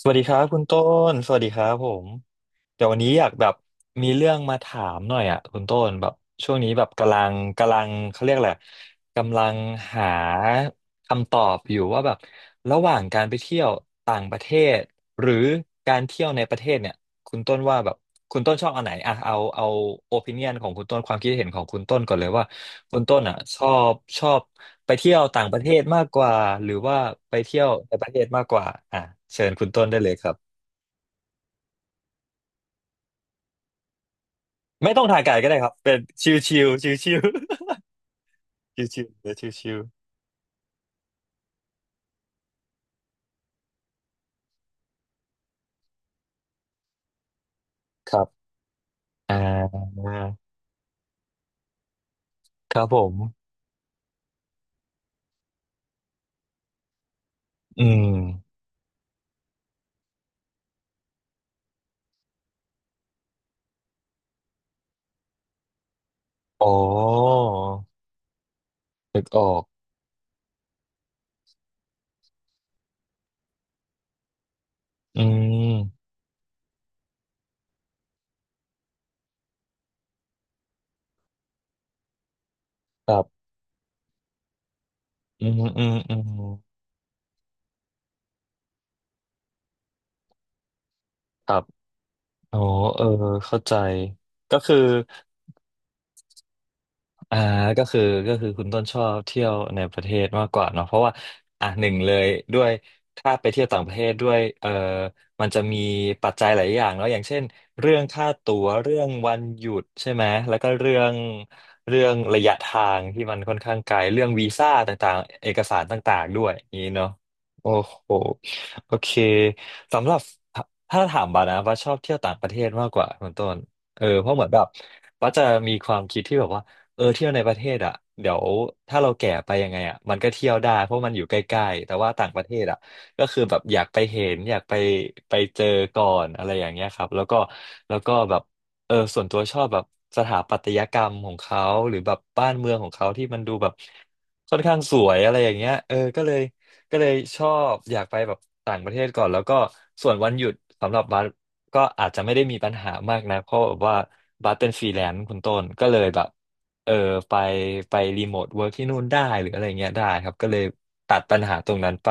สวัสดีครับคุณต้นสวัสดีครับผมเดี๋ยววันนี้อยากแบบมีเรื่องมาถามหน่อยอ่ะคุณต้นแบบช่วงนี้แบบกำลังเขาเรียกอะไรกำลังหาคำตอบอยู่ว่าแบบระหว่างการไปเที่ยวต่างประเทศหรือการเที่ยวในประเทศเนี่ย คุณต้นว่าแบบคุณต้นชอบอันไหนอ่ะเอาโอปิเนียนของคุณต้นความคิดเห็นของคุณต้นก่อนเลยว่าคุณต้นอ่ะชอบไปเที่ยวต่างประเทศมากกว่าหรือว่าไปเที่ยวในประเทศมากกว่าอ่ะเชิญคุณต้นได้เลยครับไม่ต้องถ่ายไกลก็ได้ครับเป็นชิวชิวชิวชิวชิวชิวๆเดี๋ยวชิวชิวๆ ครับอ่าครับผมอืมอ๋อนึกออกอืมครับอืมอืมอืมครับ อ๋อเออเข้าใจ ก็คือ อ่าก็คือก็คือคุณต้นชอบเที่ยวในประเทศมากกว่าเนาะเพราะว่าอ่ะหนึ่งเลยด้วยถ้าไปเที่ยวต่างประเทศด้วยเออมันจะมีปัจจัยหลายอย่างเนาะอย่างเช่นเรื่องค่าตั๋วเรื่องวันหยุดใช่ไหมแล้วก็เรื่องระยะทางที่มันค่อนข้างไกลเรื่องวีซ่าต่างๆเอกสารต่างๆด้วยอย่างนี้เนาะโอ้โหโอเคสำหรับถ้าถามบานะว่าชอบเที่ยวต่างประเทศมากกว่าคุณต้นเออเพราะเหมือนแบบว่าจะมีความคิดที่แบบว่า เออเที่ยวในประเทศอ่ะเดี๋ยวถ้าเราแก่ไปยังไงอ่ะมันก็เที่ยวได้เพราะมันอยู่ใกล้ๆแต่ว่าต่างประเทศอ่ะก็คือแบบอยากไปเห็นอยากไปไปเจอก่อนอะไรอย่างเงี้ยครับแล้วก็แบบเออส่วนตัวชอบแบบสถาปัตยกรรมของเขาหรือแบบบ้านเมืองของเขาที่มันดูแบบค่อนข้างสวยอะไรอย่างเงี้ยเออก็เลยชอบอยากไปแบบต่างประเทศก่อนแล้วก็ส่วนวันหยุดสำหรับบัสก็อาจจะไม่ได้มีปัญหามากนะเพราะแบบว่าบัสเป็นฟรีแลนซ์คุณต้นก็เลยแบบ เออไปไปรีโมทเวิร์กที่นู่นได้หรืออะไรเงี้ยได้ครับก็เลยตัดปัญหาตรงนั้นไป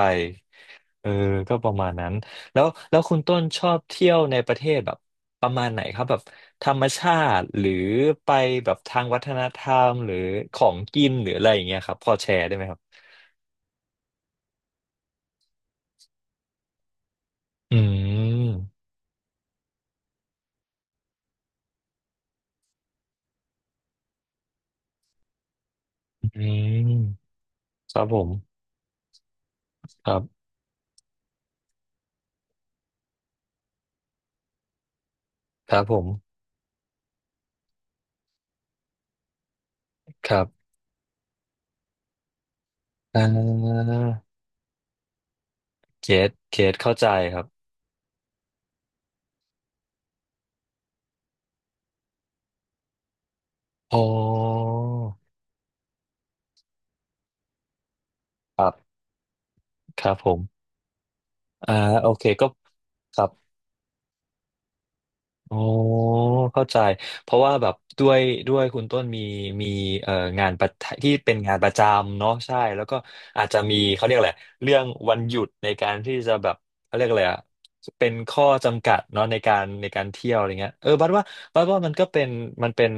เออก็ประมาณนั้นแล้วคุณต้นชอบเที่ยวในประเทศแบบประมาณไหนครับแบบธรรมชาติหรือไปแบบทางวัฒนธรรมหรือของกินหรืออะไรอย่างเงี้ยครับพอแชร์ได้ไหมครับอืมอืมครับผมครับครับผมครับอ่าเกตเข้าใจครับอ๋อครับครับผม อ่าโอเคก็ครับอ๋อเข้าใจเพราะว่าแบบด้วยคุณต้นมีเอ่องานประจที่เป็นงานประจำเนาะใช่แล้วก็อาจจะมีเขาเรียกอะไรเรื่องวันหยุดในการที่จะแบบเขาเรียกอะไรอะเป็นข้อจำกัดเนาะในการเที่ยวอะไรเงี้ยเออบัดว่ามันก็เป็นมันเป็น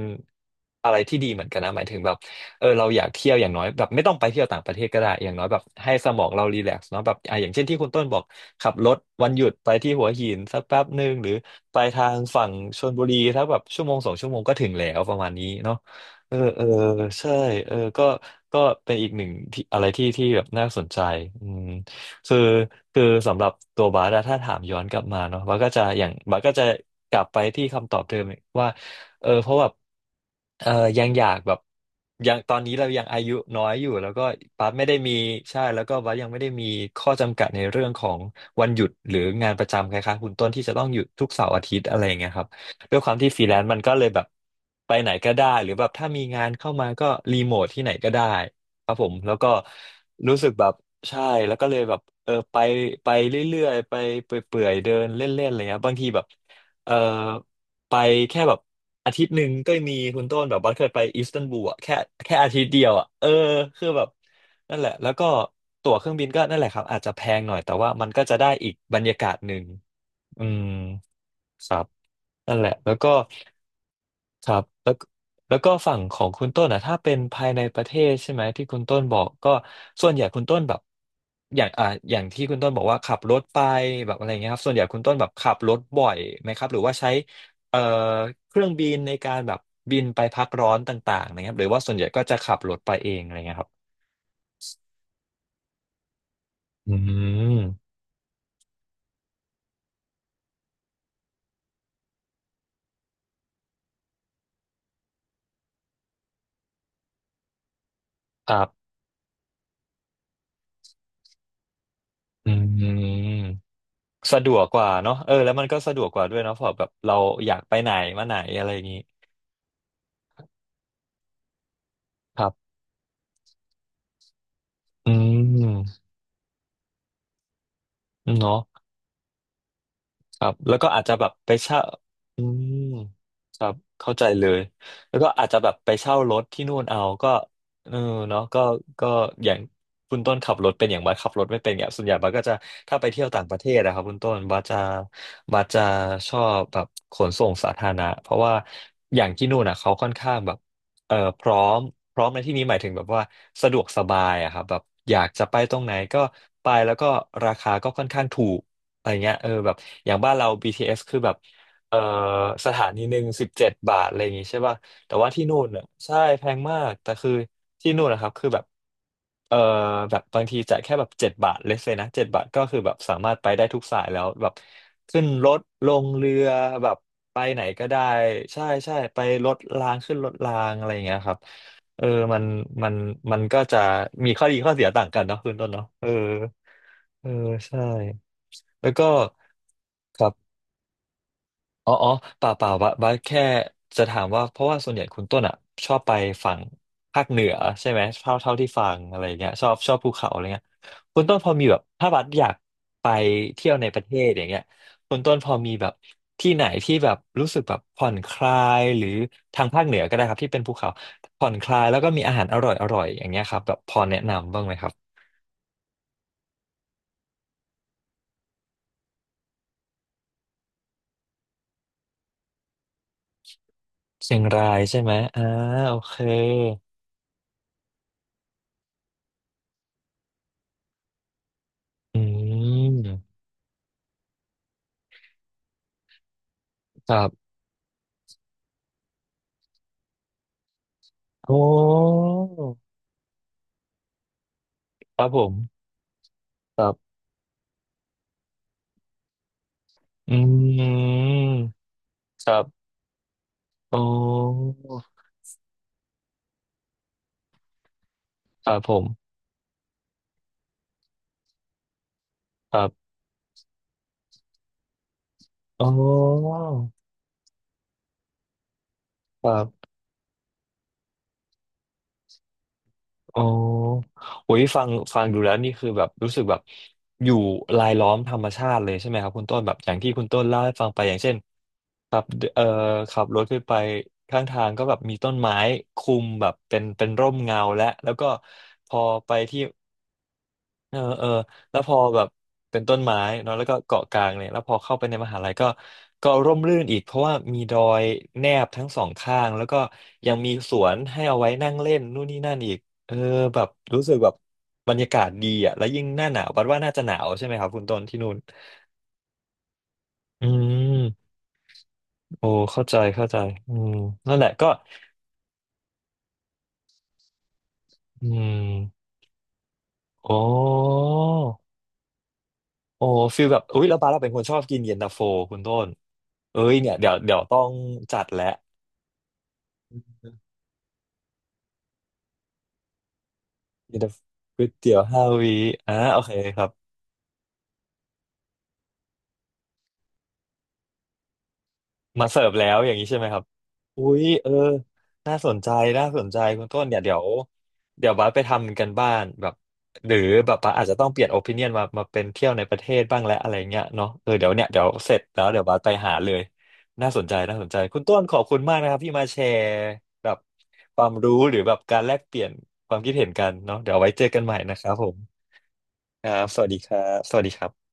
อะไรที่ดีเหมือนกันนะหมายถึงแบบ เออเราอยากเที่ยวอย่างน้อยแบบไม่ต้องไปเที่ยวต่างประเทศก็ได้อย่างน้อยแบบให้สมองเรารีแลกซ์เนาะแบบอ่ะอย่างเช่นที่คุณต้นบอกขับรถวันหยุดไปที่หัวหินสักแป๊บหนึ่งหรือไปทางฝั่งชลบุรีถ้าแบบชั่วโมงสองชั่วโมงก็ถึงแล้วประมาณนี้เนาะเออเออใช่เออก็เป็นอีกหนึ่งที่อะไรที่ที่แบบน่าสนใจอืมคือคือสำหรับตัวบาสอถ้าถามย้อนกลับมาเนาะบาสก็จะอย่างบาสก็จะกลับไปที่คำตอบเดิมว่าเออเพราะแบบเออยังอยากแบบ ยังตอนนี้เรายังอายุน้อยอยู่แล้วก็ปั๊บไม่ได้มีใช่แล้วก็วัดยังไม่ได้มีข้อจำกัดในเรื่องของวันหยุดหรืองานประจำคล้ายๆคุณต้นที่จะต้องหยุดทุกเสาร์อาทิตย์อะไรอย่างเงี้ยครับด้วยความที่ฟรีแลนซ์มันก็เลยแบบไปไหนก็ได้หรือแบบถ้ามีงานเข้ามาก็รีโมทที่ไหนก็ได้ครับผมแล้วก็รู้สึกแบบใช่แล้วก็เลยแบบเออไปไปเรื่อยๆไปเปื่อยๆเดินเล่นๆอะไรเงี้ยบางทีแบบเออไปแค่แบบ อาทิตย์หนึ่งก็มีคุณต้นแบบบัสเคยไปอิสตันบูลอ่ะแค่อาทิตย์เดียวอ่ะเออคือแบบนั่นแหละแล้วก็ตั๋วเครื่องบินก็นั่นแหละครับอาจจะแพงหน่อยแต่ว่ามันก็จะได้อีกบรรยากาศหนึ่งอืมครับนั่นแหละแล้วก็ ครับแล้วก็แล้วก็ฝั่งของคุณต้นอ่ะถ้าเป็นภายในประเทศใช่ไหมที่คุณต้นบอกก็ส่วนใหญ่คุณต้นแบบอย่างอย่างที่คุณต้นบอกว่าขับรถไปแบบอะไรเงี้ยครับส่วนใหญ่คุณต้นแบบขับรถบ่อยไหมครับหรือว่าใช้เอ่อเครื่องบินในการแบบบินไปพักร้อนต่างๆนะครับหรือว่าส่วนใหญ่ก็จะขับรถไปเองอะไรเงี้ยครับอืมครับอืมสะดวกกว่าเนาะเออแล้วมันก็สะดวกกว่าด้วยเนาะเพราะแบบเราอยากไปไหนมาไหนอะไรอย่างงี้ครับอืมเนาะ ครับแล้วก็อาจจะแบบไปเช่าอืมครับเข้าใจเลยแล้วก็อาจจะแบบไปเช่ารถที่นู่นเอาก็เออเนาะก็ก็อย่างคุณต้นขับรถเป็นอย่างบัสขับรถไม่เป็นเนี่ยส่วนใหญ่บัสก็จะถ้าไปเที่ยวต่างประเทศนะครับคุณต้นบัสจะบัสจะชอบแบบขนส่งสาธารณะเพราะว่าอย่างที่นู่นอะเขาค่อนข้างแบบพร้อมพร้อมในที่นี้หมายถึงแบบว่าสะดวกสบายอะครับแบบอยากจะไปตรงไหนก็ไปแล้วก็ราคาก็ค่อนข้างถูก อะไรเงี้ยเออแบบอย่างบ้านเรา BTS คือแบบเออสถานี17 บาทอะไรอย่างงี้ใช่ป่ะแต่ว่าที่นู่นอ่ะใช่แพงมากแต่คือที่นู่นนะครับคือแบบเออแบบบางทีจ่ายแค่แบบเจ็ดบาทเลสเลยนะเจ็ดบาทก็คือแบบสามารถไปได้ทุกสายแล้วแบบขึ้นรถลงเรือแบบไปไหนก็ได้ใช่ใช่ไปรถรางขึ้นรถรางอะไรอย่างเงี้ยครับเออมันมันมันก็จะมีข้อดีข้อเสียต่างกันเนาะคุณต้นเนาะเออเออใช่ แล้วก็ครับอ๋ออ๋อเปล่าเปล่าบัสบัสแค่จะถามว่าเพราะว่าส่วนใหญ่คุณต้นอ่ะชอบไปฝั่งภาคเหนือใช่ไหมเท่าเท่าที่ฟังอะไรเงี้ยชอบชอบภูเขาอะไรเงี้ยคุณต้นพอมีแบบถ้าบัสอยากไปเที่ยวในประเทศอย่างเงี้ยคุณต้นพอมีแบบที่ไหนที่แบบรู้สึกแบบผ่อนคลายหรือทางภาคเหนือก็ได้ครับที่เป็นภูเขาผ่อนคลายแล้วก็มีอาหารอร่อยอร่อยอย่างเงี้ยครับแบบพอแนะนำบ้างไหมครับเชียงรายใช่ไหมอ่าโอเคอืมครับ โอ้ครับผมครับอืมครับอ๋อครับผมครับอ๋อครับอ๋อโอ้ยฟังฟังดูแล้วนี่คือแบบรู้สึกแบบอยู่รายล้อมธรรมชาติเลยใช่ไหมครับคุณต้นแบบอย่างที่คุณต้นเล่าให้ฟังไปอย่างเช่นขับเอ่อขับรถขึ้นไปข้างทางก็แบบมีต้นไม้คุมแบบเป็นร่มเงาและแล้วก็พอไปที่ เออเออแล้วพอแบบเป็นต้นไม้เนาะแล้วก็เกาะกลางเนี่ยแล้วพอเข้าไปในมหาลัยก็ก็ร่มรื่นอีกเพราะว่ามีดอยแนบทั้งสองข้างแล้วก็ยังมีสวนให้เอาไว้นั่งเล่นนู่นนี่นั่นอีกเออแบบรู้สึกแบบบรรยากาศดีอ่ะแล้วยิ่งหน้าหนาวบัดว่าน่าจะหนาวใช่ไหมครับคุณต้นที่นู่นอืมโอ้เข้าใจเข้าใจอืมนั่นแหละก็อืมโอ้โอ้ฟีลแบบอุ๊ยแล้วบาร์เราเป็นคนชอบกินเย็นตาโฟคุณต้นเอ้ยเนี่ยเดี๋ยวเดี๋ยวต้องจัดแล้ว มีแต่ก๋วยเตี๋ยวห้าวีอ่าโอเคครับมาเสิร์ฟแล้วอย่างนี้ใช่ไหมครับอุ้ยเออน่าสนใจน่าสนใจคุณต้นเนี่ยเดี๋ยวเดี๋ยวบัสไปทำกันบ้านแบบหรือแบบบัสอาจจะต้องเปลี่ยนโอปิเนียนมามาเป็นเที่ยวในประเทศบ้างและอะไรเงี้ยเนาะเออเดี๋ยวเนี่ยเดี๋ยวเสร็จแล้วเดี๋ยวบัสไปหาเลยน่าสนใจน่าสนใจคุณต้นขอบคุณมากนะครับที่มาแชร์แบบความรู้หรือแบบการแลกเปลี่ยนความคิดเห็นกันเนาะเดี๋ยวเอาไว้เจอกันใหม่นะครับผมครับสวัสดีครับสวัสดีครับ